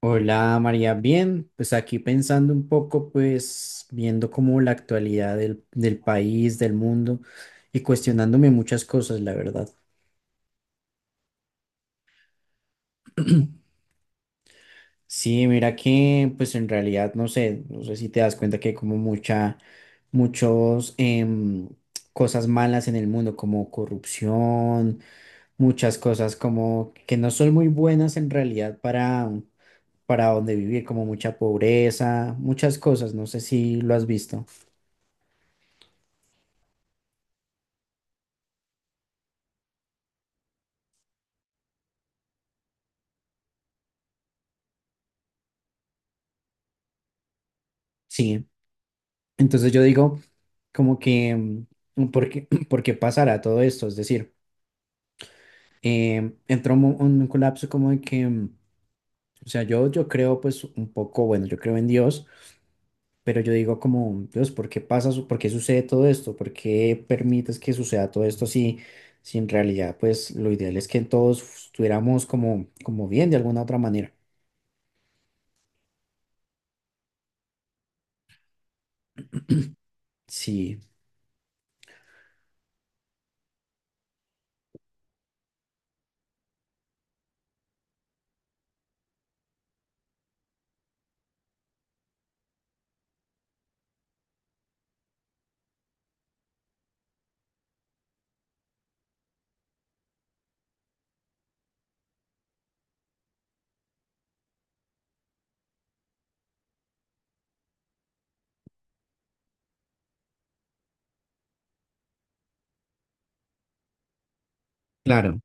Hola María, bien, pues aquí pensando un poco, pues viendo como la actualidad del país, del mundo y cuestionándome muchas cosas, la verdad. Sí, mira que pues en realidad no sé si te das cuenta que hay como mucha, muchos em, cosas malas en el mundo, como corrupción, muchas cosas como que no son muy buenas en realidad para donde vivir, como mucha pobreza, muchas cosas, no sé si lo has visto. Sí, entonces yo digo como que, ¿por qué, por qué pasará todo esto? Es decir, entró un colapso como de o sea, yo creo pues un poco, bueno, yo creo en Dios, pero yo digo como, Dios, ¿ por qué sucede todo esto? ¿Por qué permites que suceda todo esto si, si en realidad pues lo ideal es que todos estuviéramos como, como bien de alguna otra manera? Sí. Claro,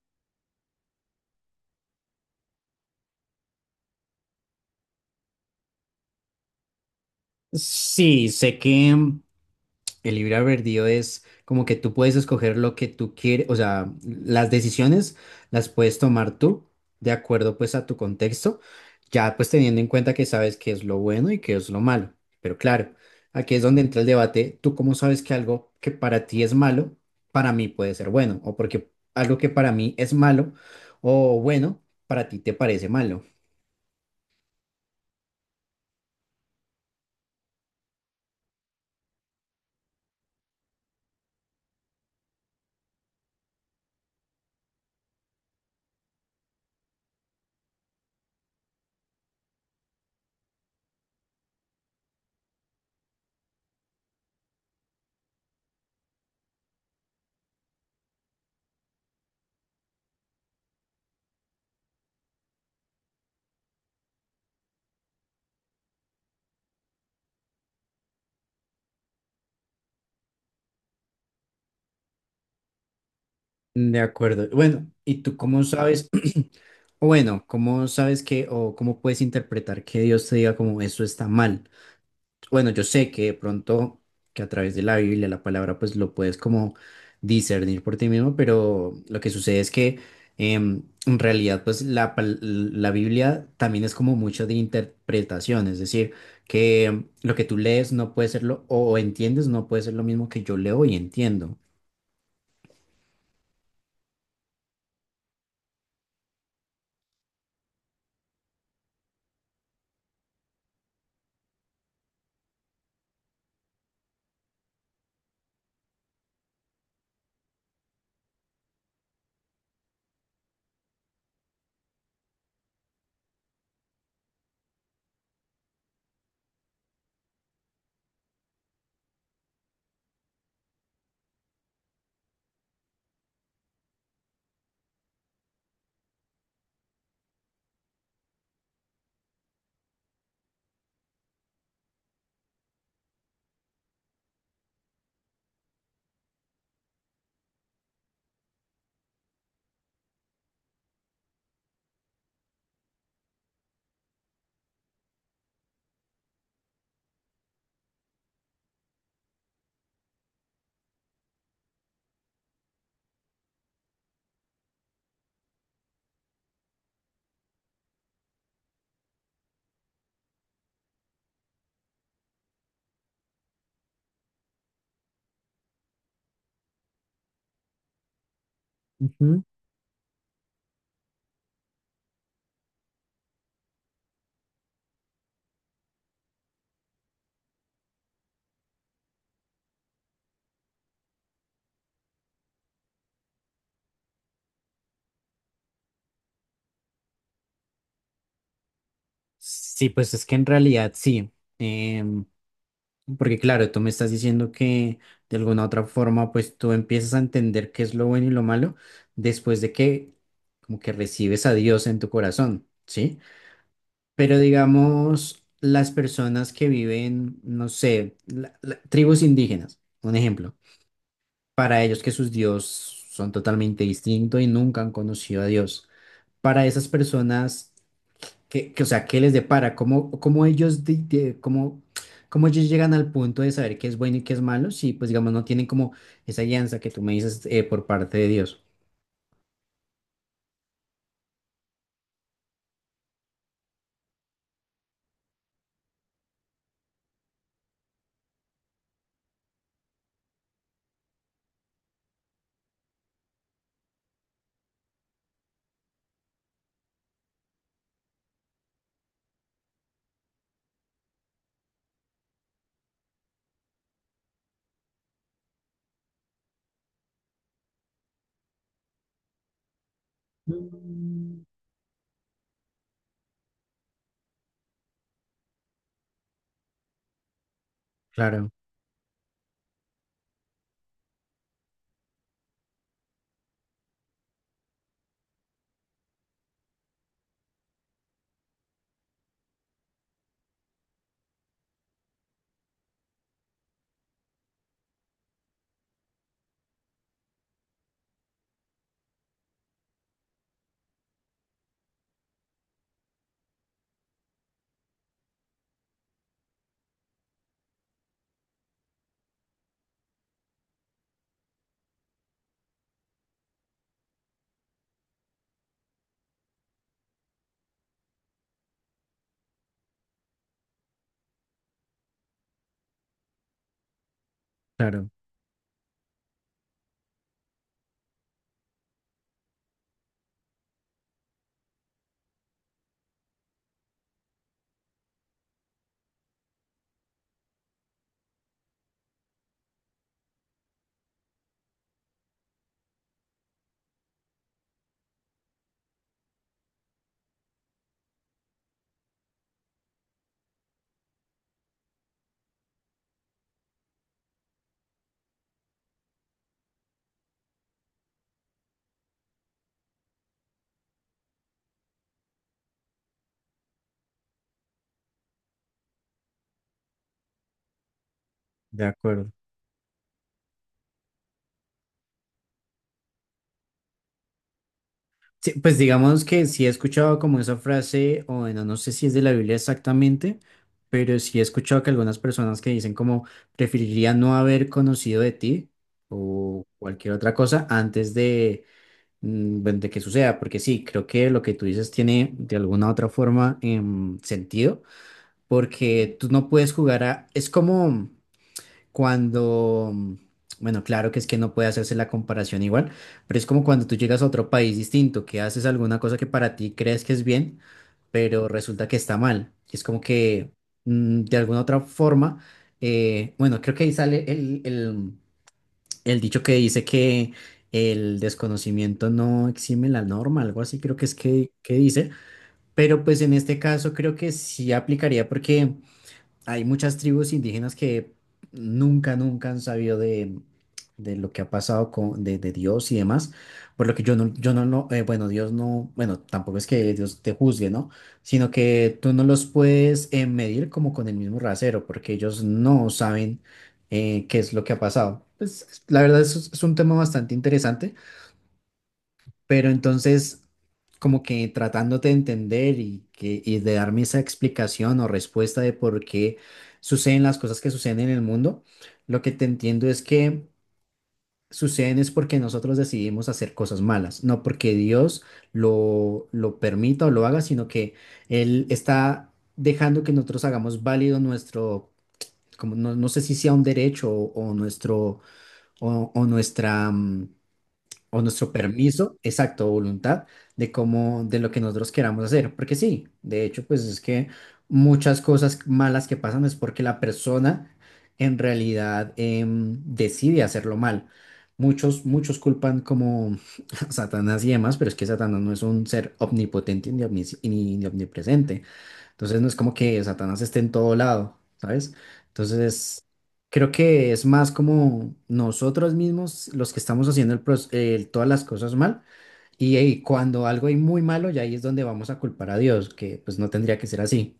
sí, sé que el libre albedrío es como que tú puedes escoger lo que tú quieres, o sea, las decisiones las puedes tomar tú de acuerdo pues a tu contexto, ya pues teniendo en cuenta que sabes qué es lo bueno y qué es lo malo. Pero claro, aquí es donde entra el debate, tú cómo sabes que algo que para ti es malo, para mí puede ser bueno, o porque algo que para mí es malo o bueno, para ti te parece malo. De acuerdo. Bueno, ¿y tú cómo sabes, o bueno, cómo sabes que, o cómo puedes interpretar que Dios te diga como eso está mal? Bueno, yo sé que de pronto, que a través de la Biblia, la palabra, pues lo puedes como discernir por ti mismo, pero lo que sucede es que en realidad, pues la Biblia también es como mucho de interpretación, es decir, que lo que tú lees no puede ser lo, o entiendes no puede ser lo mismo que yo leo y entiendo. Ujú. Sí, pues es que en realidad sí. Em, Porque claro, tú me estás diciendo que de alguna otra forma, pues tú empiezas a entender qué es lo bueno y lo malo después de que como que recibes a Dios en tu corazón, ¿sí? Pero digamos, las personas que viven, no sé, tribus indígenas, un ejemplo, para ellos que sus dios son totalmente distintos y nunca han conocido a Dios. Para esas personas o sea, ¿qué les depara? ¿Cómo, cómo ellos, cómo, cómo ellos llegan al punto de saber qué es bueno y qué es malo? Si, pues, digamos, no tienen como esa guianza que tú me dices por parte de Dios. Mm, claro, claro, de acuerdo. Sí, pues digamos que sí he escuchado como esa frase, o bueno, no sé si es de la Biblia exactamente, pero sí he escuchado que algunas personas que dicen como preferiría no haber conocido de ti o cualquier otra cosa antes de, bueno, de que suceda, porque sí, creo que lo que tú dices tiene de alguna otra forma sentido, porque tú no puedes jugar a... Es como cuando... bueno, claro que es que no puede hacerse la comparación igual, pero es como cuando tú llegas a otro país distinto, que haces alguna cosa que para ti crees que es bien, pero resulta que está mal. Es como que de alguna otra forma, bueno, creo que ahí sale el dicho que dice que el desconocimiento no exime la norma, algo así creo que es que dice, pero pues en este caso creo que sí aplicaría porque hay muchas tribus indígenas que nunca, nunca han sabido de, lo que ha pasado con, de Dios y demás, por lo que yo no, no bueno, Dios no, bueno, tampoco es que Dios te juzgue, ¿no? Sino que tú no los puedes medir como con el mismo rasero, porque ellos no saben qué es lo que ha pasado. Pues la verdad es un tema bastante interesante. Pero entonces, como que tratándote de entender y, que, y de darme esa explicación o respuesta de por qué suceden las cosas que suceden en el mundo, lo que te entiendo es que suceden es porque nosotros decidimos hacer cosas malas, no porque Dios lo permita o lo haga, sino que Él está dejando que nosotros hagamos válido nuestro, como no sé si sea un derecho o nuestro, o nuestra... o nuestro permiso, exacto, voluntad de cómo, de lo que nosotros queramos hacer. Porque sí, de hecho, pues es que muchas cosas malas que pasan es porque la persona en realidad decide hacerlo mal. Muchos, muchos culpan como a Satanás y demás, pero es que Satanás no es un ser omnipotente ni ni omnipresente. Entonces no es como que Satanás esté en todo lado, ¿sabes? Entonces creo que es más como nosotros mismos los que estamos haciendo todas las cosas mal y, cuando algo hay muy malo ya ahí es donde vamos a culpar a Dios, que pues no tendría que ser así.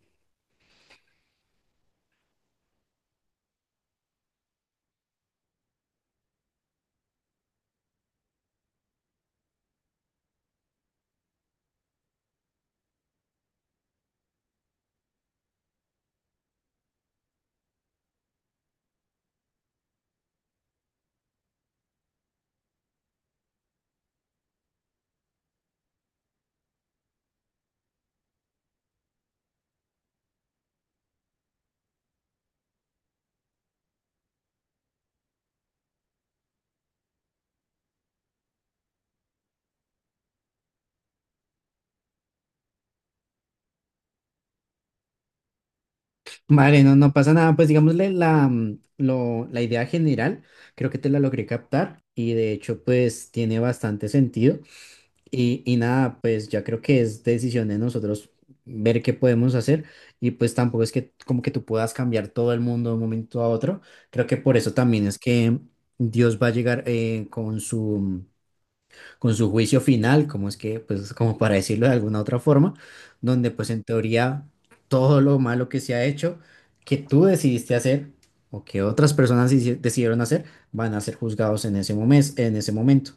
Vale, no, no pasa nada, pues digámosle la idea general, creo que te la logré captar y de hecho pues tiene bastante sentido. Y nada, pues ya creo que es decisión de nosotros ver qué podemos hacer y pues tampoco es que como que tú puedas cambiar todo el mundo de un momento a otro. Creo que por eso también es que Dios va a llegar con su juicio final, como es que, pues como para decirlo de alguna otra forma, donde pues en teoría todo lo malo que se ha hecho, que tú decidiste hacer o que otras personas decidieron hacer, van a ser juzgados en ese momento, en ese momento.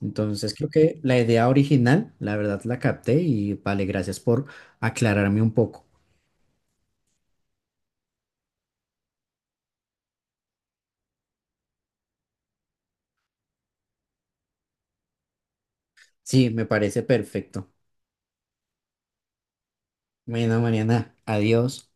Entonces creo que la idea original, la verdad la capté y vale, gracias por aclararme un poco. Sí, me parece perfecto. Bueno, Mariana, adiós.